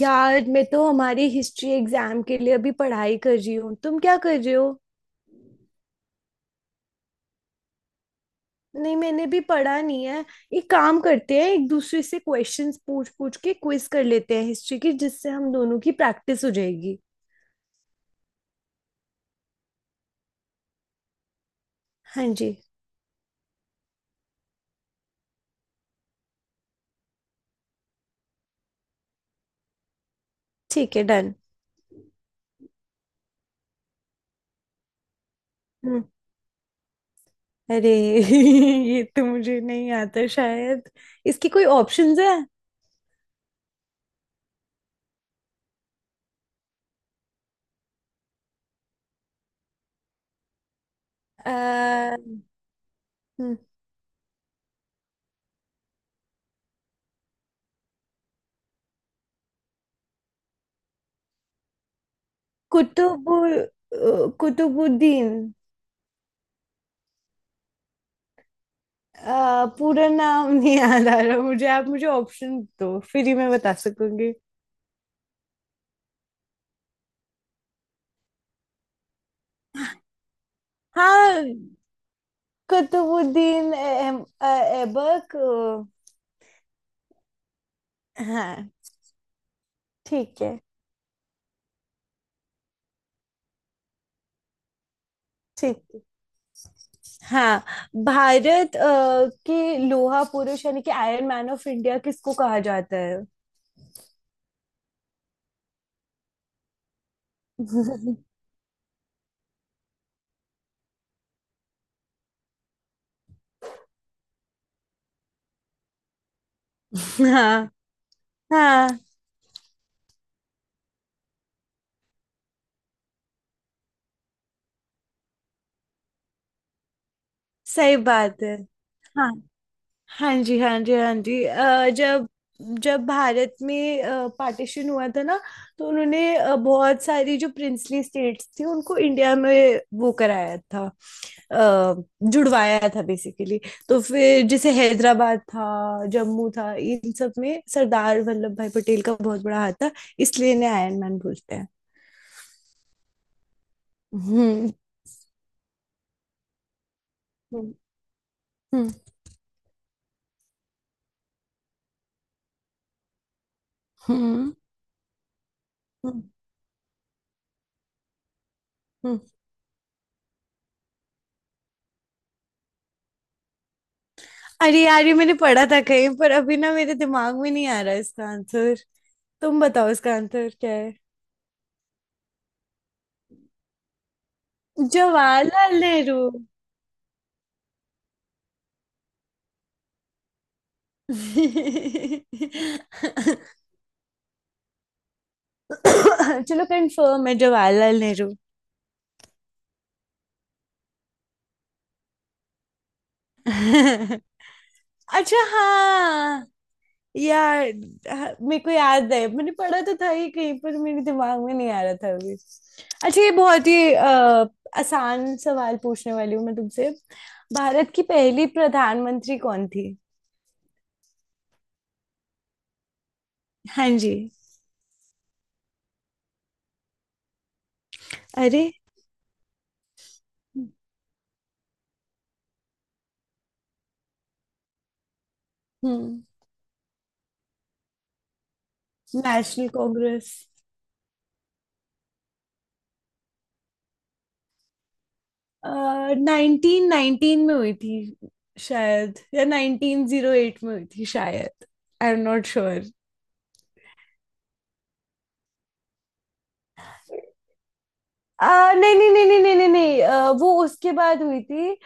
यार मैं तो हमारी हिस्ट्री एग्जाम के लिए अभी पढ़ाई कर रही हूँ। तुम क्या कर रहे हो? नहीं, मैंने भी पढ़ा नहीं है। एक काम करते हैं, एक दूसरे से क्वेश्चंस पूछ पूछ के क्विज कर लेते हैं हिस्ट्री की, जिससे हम दोनों की प्रैक्टिस हो जाएगी। हाँ जी। ठीक है, डन। हम्म। अरे। ये तो मुझे नहीं आता शायद। इसकी कोई ऑप्शंस है? अ, हम्म, कुतुब, कुतुबुद्दीन। पूरा नाम नहीं याद आ रहा मुझे। आप मुझे ऑप्शन दो फिर ही मैं बता सकूंगी। हाँ, कुतुबुद्दीन ऐबक। हाँ। ठीक है। ठीक है। हाँ। भारत के लोहा पुरुष यानी कि आयरन मैन ऑफ इंडिया किसको कहा जाता है? हाँ। हाँ, सही बात है। हाँ। हाँ जी, हाँ जी, हाँ जी। जब, जब भारत में पार्टीशन हुआ था ना, तो उन्होंने बहुत सारी जो प्रिंसली स्टेट्स थी उनको इंडिया में वो कराया था। अ, जुड़वाया था बेसिकली। तो फिर जैसे हैदराबाद था, जम्मू था, इन सब में सरदार वल्लभ भाई पटेल का बहुत बड़ा हाथ था, इसलिए इन्हें आयरन मैन बोलते हैं। हम्म। हम्म। हम्म। हम्म। हम्म, हम्म। अरे यार, ये मैंने पढ़ा था कहीं पर, अभी ना मेरे दिमाग में नहीं आ रहा इसका आंसर। तुम बताओ इसका आंसर क्या है? जवाहरलाल नेहरू। चलो, कंफर्म है, जवाहरलाल नेहरू। अच्छा हाँ। यार, हाँ, मेरे को याद है, मैंने पढ़ा तो था ही कहीं पर, मेरे दिमाग में नहीं आ रहा था अभी। अच्छा, ये बहुत ही आसान सवाल पूछने वाली हूँ मैं तुमसे। भारत की पहली प्रधानमंत्री कौन थी? हाँ जी। अरे। हम्म। नेशनल कांग्रेस। नाइनटीन नाइनटीन में हुई थी शायद, या नाइनटीन जीरो एट में हुई थी शायद। I am not sure. नहीं नहीं नहीं नहीं नहीं नहीं नहीं, वो उसके बाद हुई थी।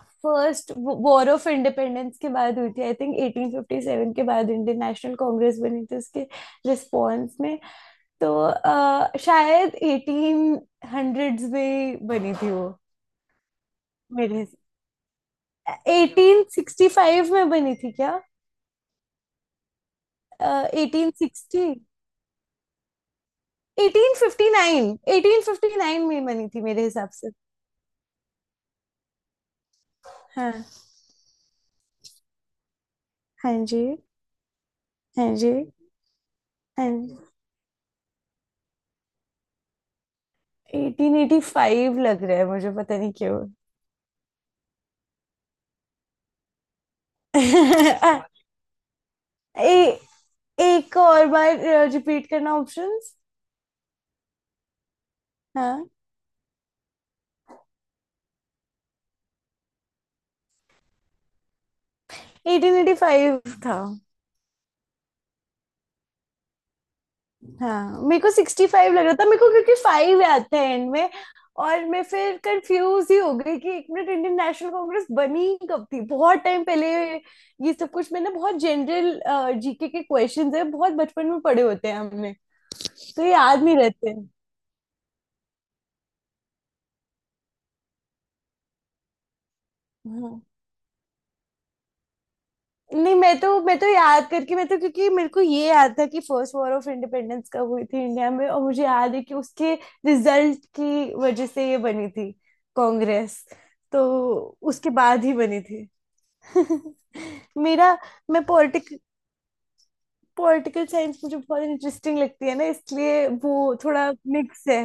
फर्स्ट वॉर ऑफ इंडिपेंडेंस के बाद हुई थी। आई थिंक 1857 के बाद इंडियन नेशनल कांग्रेस बनी थी, उसके रिस्पॉन्स में। तो शायद एटीन हंड्रेड्स में बनी थी वो। मेरे, एटीन सिक्सटी फाइव में बनी थी क्या? Eighteen sixty, eighteen fifty nine, eighteen fifty nine में बनी थी मेरे हिसाब से। हाँ। हाँ जी। हाँ जी। हाँ जी। एटीन एटी फाइव लग रहा है मुझे, पता नहीं क्यों। ए, एक और बार रिपीट करना ऑप्शंस। हाँ। एटीन एटी फाइव था। हाँ, मेरे को सिक्सटी फाइव लग रहा था मेरे को, क्योंकि फाइव याद था एंड में। और मैं फिर कंफ्यूज ही हो गई कि एक मिनट, इंडियन नेशनल कांग्रेस बनी कब थी, बहुत टाइम पहले। ये सब कुछ, मैंने बहुत जनरल जीके के क्वेश्चंस है, बहुत बचपन में पढ़े होते हैं हमने, तो ये याद नहीं रहते हैं। नहीं, मैं तो याद करके, मैं तो क्योंकि मेरे को ये याद था कि फर्स्ट वॉर ऑफ इंडिपेंडेंस कब हुई थी इंडिया में, और मुझे याद है कि उसके रिजल्ट की वजह से ये बनी थी कांग्रेस। तो उसके बाद ही बनी थी। मेरा, मैं पॉलिटिक पॉलिटिकल साइंस मुझे बहुत इंटरेस्टिंग लगती है ना, इसलिए वो थोड़ा मिक्स है।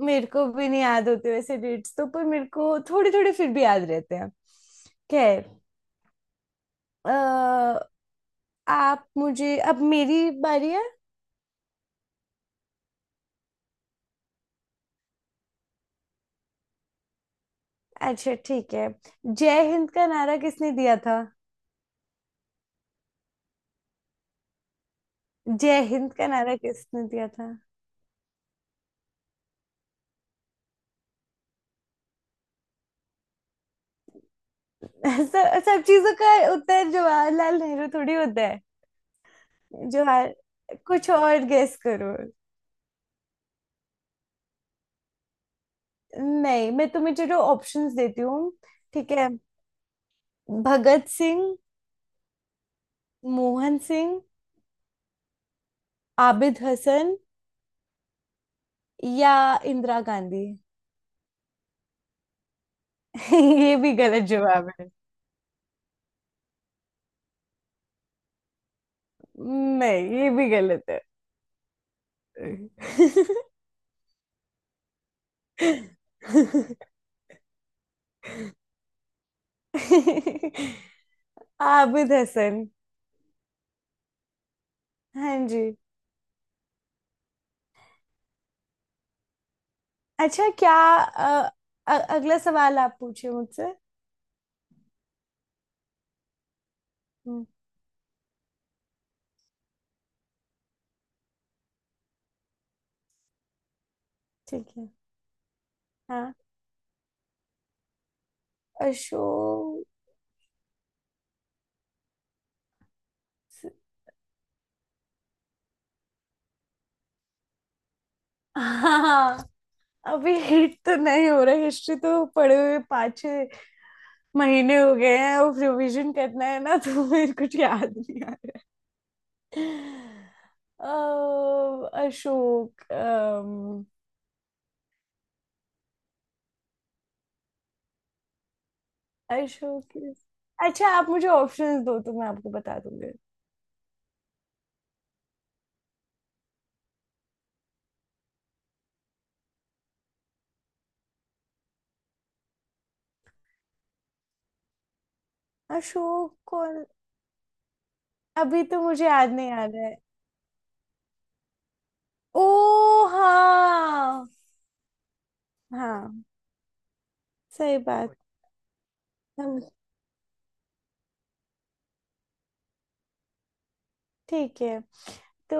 मेरे को भी नहीं याद होते वैसे डेट्स तो, पर मेरे को थोड़े थोड़े फिर भी याद रहते हैं। खैर। अ, आप मुझे, अब मेरी बारी है। अच्छा, ठीक है। जय हिंद का नारा किसने दिया था? जय हिंद का नारा किसने दिया था? सब सब चीजों का उत्तर जवाहरलाल नेहरू थोड़ी होता है। जवाहर, कुछ और गेस करो। नहीं, मैं तुम्हें, चलो ऑप्शंस देती हूँ। ठीक है। भगत सिंह, मोहन सिंह, आबिद हसन, या इंदिरा गांधी। ये भी गलत जवाब है। नहीं, ये भी गलत है। आबिद हसन। हाँ जी। अच्छा क्या, अ- अ, अगला सवाल आप पूछिए मुझसे। हम्म, ठीक है। हाँ, अशोक। हाँ, अभी हिट तो नहीं हो रहा। हिस्ट्री तो पढ़े हुए पाँच छः महीने हो गए हैं, और रिवीजन करना है ना, तो मेरे कुछ याद नहीं आ रहा। अशोक, अशोक, अच्छा आप मुझे ऑप्शंस दो तो मैं आपको बता दूंगी। अशोक को, अभी तो मुझे याद नहीं आ रहा है। ओ हाँ। हाँ, सही बात। हम। ठीक है। तो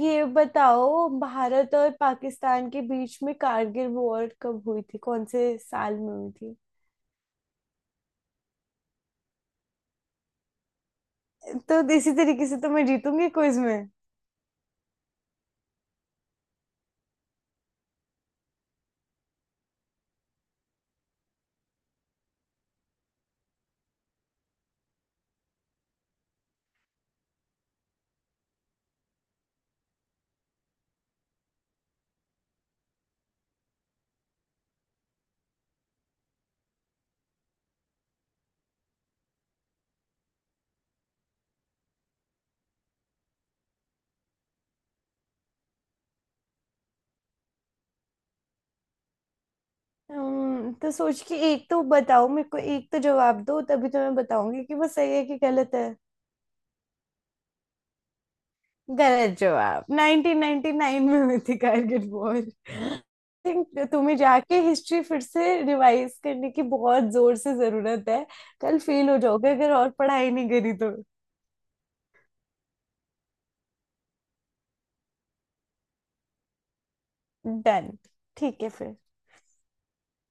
ये बताओ, भारत और पाकिस्तान के बीच में कारगिल वॉर कब हुई थी, कौन से साल में हुई थी? तो इसी तरीके से तो मैं जीतूंगी क्विज में। तो सोच के एक तो बताओ मेरे को, एक तो जवाब दो तभी तो मैं बताऊंगी कि वो सही है कि गलत है। गलत जवाब। 1999 में हुई थी कारगिल वॉर। आई थिंक तुम्हें जाके हिस्ट्री फिर से रिवाइज करने की बहुत जोर से जरूरत है। कल फेल हो जाओगे अगर और पढ़ाई नहीं करी तो। डन। ठीक है फिर।